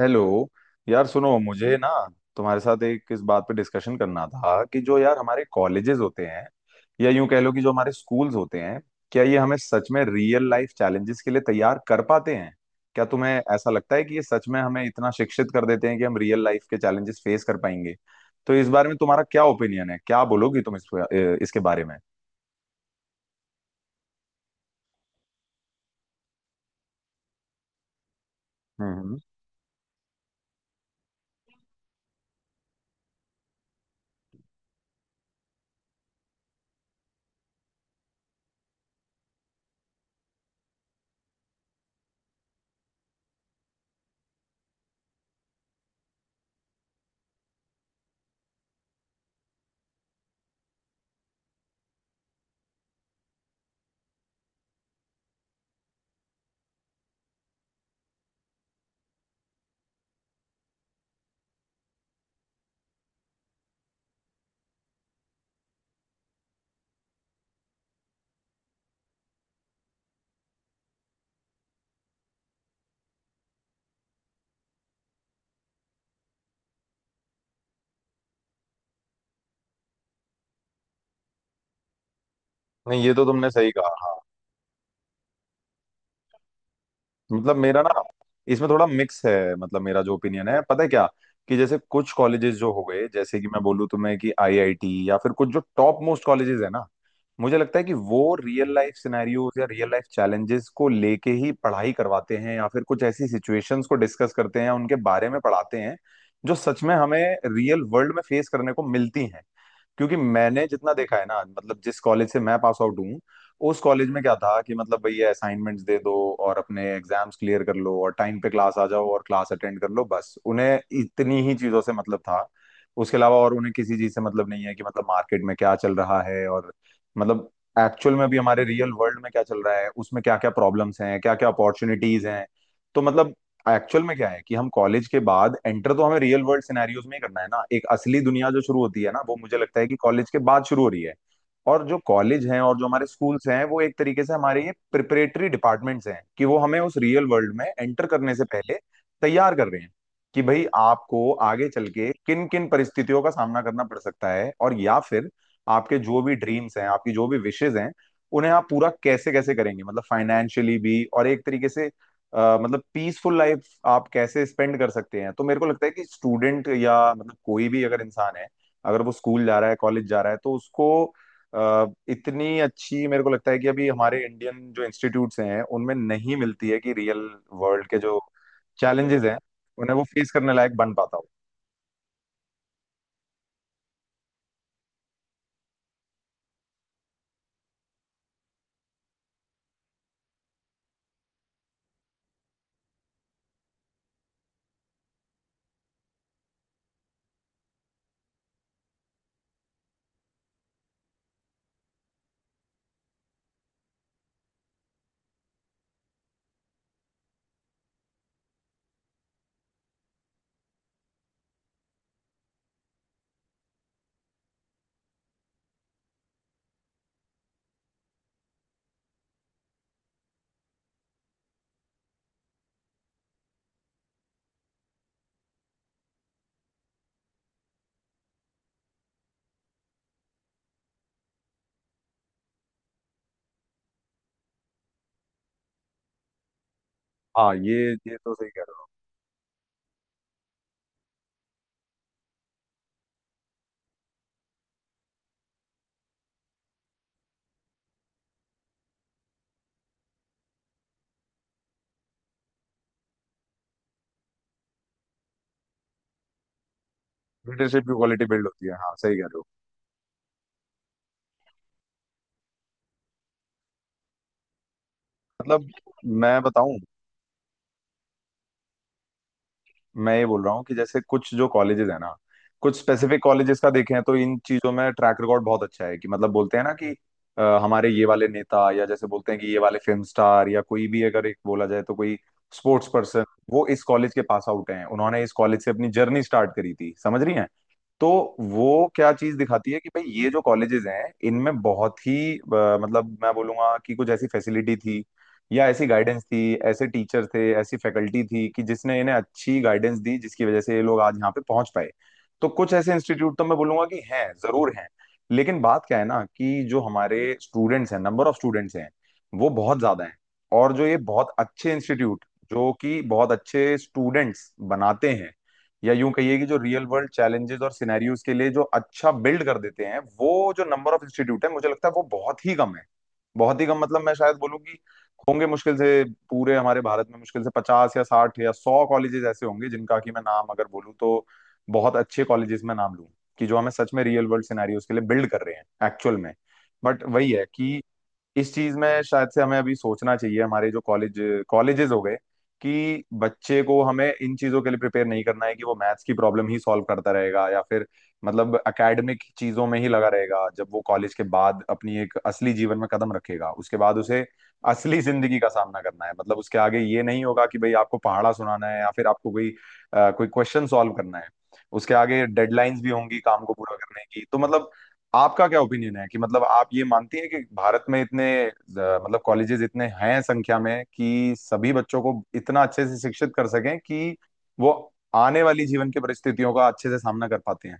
Hello यार सुनो मुझे ना, तुम्हारे साथ एक इस बात पे डिस्कशन करना था कि जो यार हमारे कॉलेजेस होते हैं या यूं कह लो कि जो हमारे स्कूल्स होते हैं। क्या ये हमें सच में रियल लाइफ चैलेंजेस के लिए तैयार कर पाते हैं? क्या तुम्हें ऐसा लगता है कि ये सच में हमें इतना शिक्षित कर देते हैं कि हम रियल लाइफ के चैलेंजेस फेस कर पाएंगे? तो इस बारे में तुम्हारा क्या ओपिनियन है, क्या बोलोगी तुम इस इसके बारे में? हम्म हम्म। नहीं ये तो तुमने सही कहा। मतलब मेरा ना, इसमें थोड़ा मिक्स है, मतलब मेरा जो ओपिनियन है पता है क्या, कि जैसे कुछ कॉलेजेस जो हो गए जैसे कि मैं बोलूँ तुम्हें कि आईआईटी या फिर कुछ जो टॉप मोस्ट कॉलेजेस है ना, मुझे लगता है कि वो रियल लाइफ सिनेरियोज या रियल लाइफ चैलेंजेस को लेके ही पढ़ाई करवाते हैं या फिर कुछ ऐसी सिचुएशंस को डिस्कस करते हैं उनके बारे में पढ़ाते हैं जो सच में हमें रियल वर्ल्ड में फेस करने को मिलती हैं। क्योंकि मैंने जितना देखा है ना, मतलब जिस कॉलेज से मैं पास आउट हूँ उस कॉलेज में क्या था कि मतलब भैया असाइनमेंट्स दे दो और अपने एग्जाम्स क्लियर कर लो और टाइम पे क्लास आ जाओ और क्लास अटेंड कर लो, बस उन्हें इतनी ही चीजों से मतलब था। उसके अलावा और उन्हें किसी चीज से मतलब नहीं है कि मतलब मार्केट में क्या चल रहा है और मतलब एक्चुअल में भी हमारे रियल वर्ल्ड में क्या चल रहा है, उसमें क्या क्या प्रॉब्लम्स हैं क्या क्या अपॉर्चुनिटीज हैं। तो मतलब एक्चुअल में क्या है कि हम कॉलेज के बाद एंटर तो हमें रियल वर्ल्ड सिनेरियोज में ही करना है ना, एक असली दुनिया जो शुरू होती है ना वो मुझे लगता है कि कॉलेज के बाद शुरू हो रही है। और जो कॉलेज हैं और जो हमारे स्कूल्स हैं वो एक तरीके से हमारे ये प्रिपरेटरी डिपार्टमेंट्स हैं कि वो हमें उस रियल वर्ल्ड में एंटर करने से पहले तैयार कर रहे हैं, कि भाई आपको आगे चल के किन किन परिस्थितियों का सामना करना पड़ सकता है, और या फिर आपके जो भी ड्रीम्स हैं आपकी जो भी विशेज हैं उन्हें आप पूरा कैसे कैसे करेंगे, मतलब फाइनेंशियली भी और एक तरीके से मतलब पीसफुल लाइफ आप कैसे स्पेंड कर सकते हैं। तो मेरे को लगता है कि स्टूडेंट या मतलब कोई भी अगर इंसान है, अगर वो स्कूल जा रहा है कॉलेज जा रहा है तो उसको इतनी अच्छी मेरे को लगता है कि अभी हमारे इंडियन जो इंस्टीट्यूट्स हैं उनमें नहीं मिलती है कि रियल वर्ल्ड के जो चैलेंजेस हैं उन्हें वो फेस करने लायक बन पाता हो। हाँ ये तो सही कह रहे हो। लीडरशिप की क्वालिटी बिल्ड होती है, हाँ सही कह रहे हो। मतलब मैं बताऊं, मैं ये बोल रहा हूँ कि जैसे कुछ जो कॉलेजेस है ना, कुछ स्पेसिफिक कॉलेजेस का देखें तो इन चीजों में ट्रैक रिकॉर्ड बहुत अच्छा है कि मतलब बोलते हैं ना कि हमारे ये वाले नेता या जैसे बोलते हैं कि ये वाले फिल्म स्टार या कोई भी अगर एक बोला जाए तो कोई स्पोर्ट्स पर्सन, वो इस कॉलेज के पास आउट हैं, उन्होंने इस कॉलेज से अपनी जर्नी स्टार्ट करी थी, समझ रही हैं? तो वो क्या चीज दिखाती है कि भाई ये जो कॉलेजेस हैं इनमें बहुत ही मतलब मैं बोलूंगा कि कुछ ऐसी फैसिलिटी थी या ऐसी गाइडेंस थी, ऐसे टीचर थे ऐसी फैकल्टी थी कि जिसने इन्हें अच्छी गाइडेंस दी जिसकी वजह से ये लोग आज यहाँ पे पहुंच पाए। तो कुछ ऐसे इंस्टीट्यूट तो मैं बोलूंगा कि हैं, जरूर हैं। लेकिन बात क्या है ना कि जो हमारे स्टूडेंट्स हैं नंबर ऑफ स्टूडेंट्स हैं वो बहुत ज्यादा हैं, और जो ये बहुत अच्छे इंस्टीट्यूट जो कि बहुत अच्छे स्टूडेंट्स बनाते हैं या यूं कहिए कि जो रियल वर्ल्ड चैलेंजेस और सिनेरियोज के लिए जो अच्छा बिल्ड कर देते हैं वो जो नंबर ऑफ इंस्टीट्यूट है मुझे लगता है वो बहुत ही कम है। बहुत ही कम, मतलब मैं शायद बोलूँ कि होंगे मुश्किल से, पूरे हमारे भारत में मुश्किल से 50 या 60 या 100 कॉलेजेस ऐसे होंगे जिनका कि मैं नाम अगर बोलूँ तो बहुत अच्छे कॉलेजेस में नाम लूँ, कि जो हमें सच में रियल वर्ल्ड सिनेरियोज के लिए बिल्ड कर रहे हैं एक्चुअल में। बट वही है कि इस चीज में शायद से हमें अभी सोचना चाहिए हमारे जो कॉलेजेस हो गए, कि बच्चे को हमें इन चीजों के लिए प्रिपेयर नहीं करना है कि वो मैथ्स की प्रॉब्लम ही सॉल्व करता रहेगा या फिर मतलब एकेडमिक चीजों में ही लगा रहेगा। जब वो कॉलेज के बाद अपनी एक असली जीवन में कदम रखेगा उसके बाद उसे असली जिंदगी का सामना करना है, मतलब उसके आगे ये नहीं होगा कि भाई आपको पहाड़ा सुनाना है या फिर आपको कोई क्वेश्चन सॉल्व करना है, उसके आगे डेडलाइंस भी होंगी काम को पूरा करने की। तो मतलब आपका क्या ओपिनियन है कि मतलब आप ये मानती हैं कि भारत में इतने मतलब कॉलेजेस इतने हैं संख्या में कि सभी बच्चों को इतना अच्छे से शिक्षित कर सकें कि वो आने वाली जीवन की परिस्थितियों का अच्छे से सामना कर पाते हैं?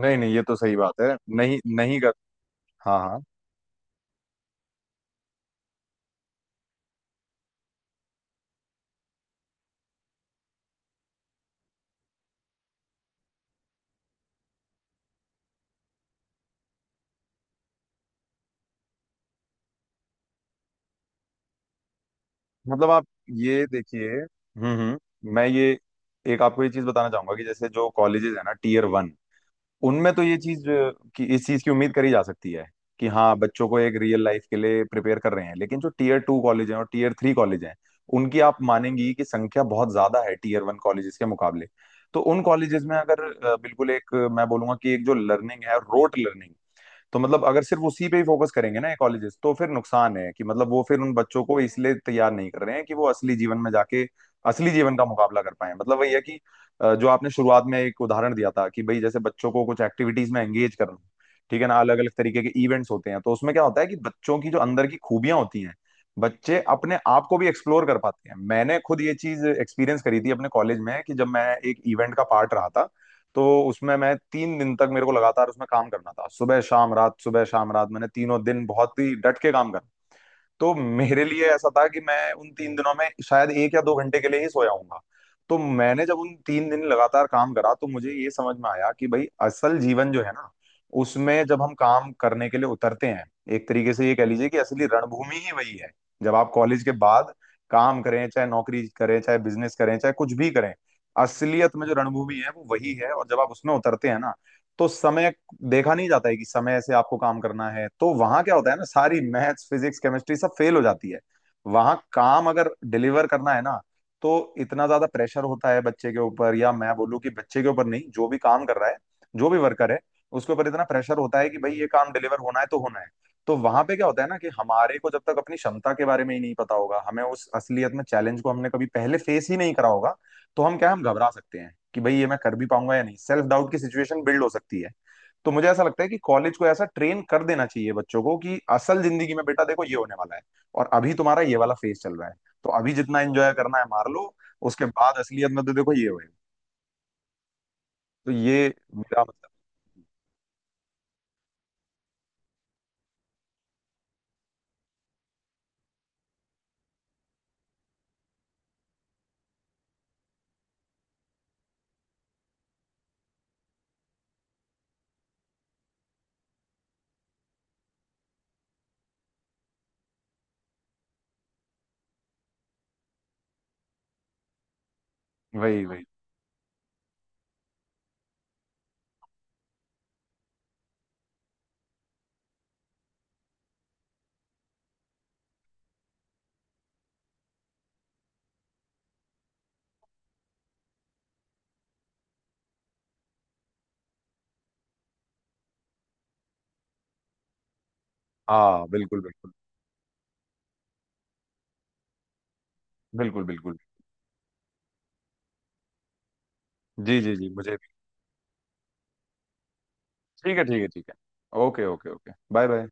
नहीं नहीं ये तो सही बात है। नहीं नहीं कर, हाँ हाँ। मतलब आप ये देखिए, हम्म, मैं ये एक आपको ये चीज बताना चाहूंगा कि जैसे जो कॉलेजेस है ना टीयर 1, उनमें तो ये चीज कि इस चीज की उम्मीद करी जा सकती है कि हाँ बच्चों को एक रियल लाइफ के लिए प्रिपेयर कर रहे हैं, लेकिन जो टीयर 2 कॉलेज हैं और टीयर 3 कॉलेज हैं उनकी आप मानेंगी कि संख्या बहुत ज्यादा है टीयर 1 कॉलेजेस के मुकाबले। तो उन कॉलेजेस में अगर बिल्कुल एक मैं बोलूंगा कि एक जो लर्निंग है रोट लर्निंग, तो मतलब अगर सिर्फ उसी पे ही फोकस करेंगे ना ये कॉलेजेस तो फिर नुकसान है कि मतलब वो फिर उन बच्चों को इसलिए तैयार नहीं कर रहे हैं कि वो असली जीवन में जाके असली जीवन का मुकाबला कर पाए। मतलब वही है कि जो आपने शुरुआत में एक उदाहरण दिया था कि भाई जैसे बच्चों को कुछ एक्टिविटीज में एंगेज करना, ठीक है ना, अलग अलग तरीके के इवेंट्स होते हैं तो उसमें क्या होता है कि बच्चों की जो अंदर की खूबियां होती हैं बच्चे अपने आप को भी एक्सप्लोर कर पाते हैं। मैंने खुद ये चीज एक्सपीरियंस करी थी अपने कॉलेज में कि जब मैं एक इवेंट का पार्ट रहा था तो उसमें मैं 3 दिन तक मेरे को लगातार उसमें काम करना था, सुबह शाम रात सुबह शाम रात, मैंने तीनों दिन बहुत ही डट के काम करना। तो मेरे लिए ऐसा था कि मैं उन 3 दिनों में शायद 1 या 2 घंटे के लिए ही सोया हूंगा। तो मैंने जब उन 3 दिन लगातार काम करा तो मुझे ये समझ में आया कि भाई असल जीवन जो है ना उसमें जब हम काम करने के लिए उतरते हैं, एक तरीके से ये कह लीजिए कि असली रणभूमि ही वही है। जब आप कॉलेज के बाद काम करें चाहे नौकरी करें चाहे बिजनेस करें चाहे कुछ भी करें, असलियत में जो रणभूमि है वो वही है। और जब आप उसमें उतरते हैं ना तो समय देखा नहीं जाता है कि समय से आपको काम करना है, तो वहां क्या होता है ना सारी मैथ्स फिजिक्स केमिस्ट्री सब फेल हो जाती है। वहां काम अगर डिलीवर करना है ना, तो इतना ज्यादा प्रेशर होता है बच्चे के ऊपर, या मैं बोलूँ कि बच्चे के ऊपर नहीं जो भी काम कर रहा है जो भी वर्कर है, उसके ऊपर इतना प्रेशर होता है कि भाई ये काम डिलीवर होना है तो होना है। तो वहां पे क्या होता है ना कि हमारे को जब तक अपनी क्षमता के बारे में ही नहीं पता होगा, हमें उस असलियत में चैलेंज को हमने कभी पहले फेस ही नहीं करा होगा, तो हम क्या है, हम घबरा सकते हैं कि भाई ये मैं कर भी पाऊंगा या नहीं, सेल्फ डाउट की सिचुएशन बिल्ड हो सकती है। तो मुझे ऐसा लगता है कि कॉलेज को ऐसा ट्रेन कर देना चाहिए बच्चों को कि असल जिंदगी में बेटा देखो ये होने वाला है और अभी तुम्हारा ये वाला फेज चल रहा है, तो अभी जितना एंजॉय करना है मार लो, उसके बाद असलियत में तो देखो ये होएगा। तो ये मेरा मतलब, वही वही। हाँ बिल्कुल बिल्कुल। बिल्कुल बिल्कुल। जी जी जी मुझे भी। ठीक है ठीक है ठीक है। Okay okay okay bye bye.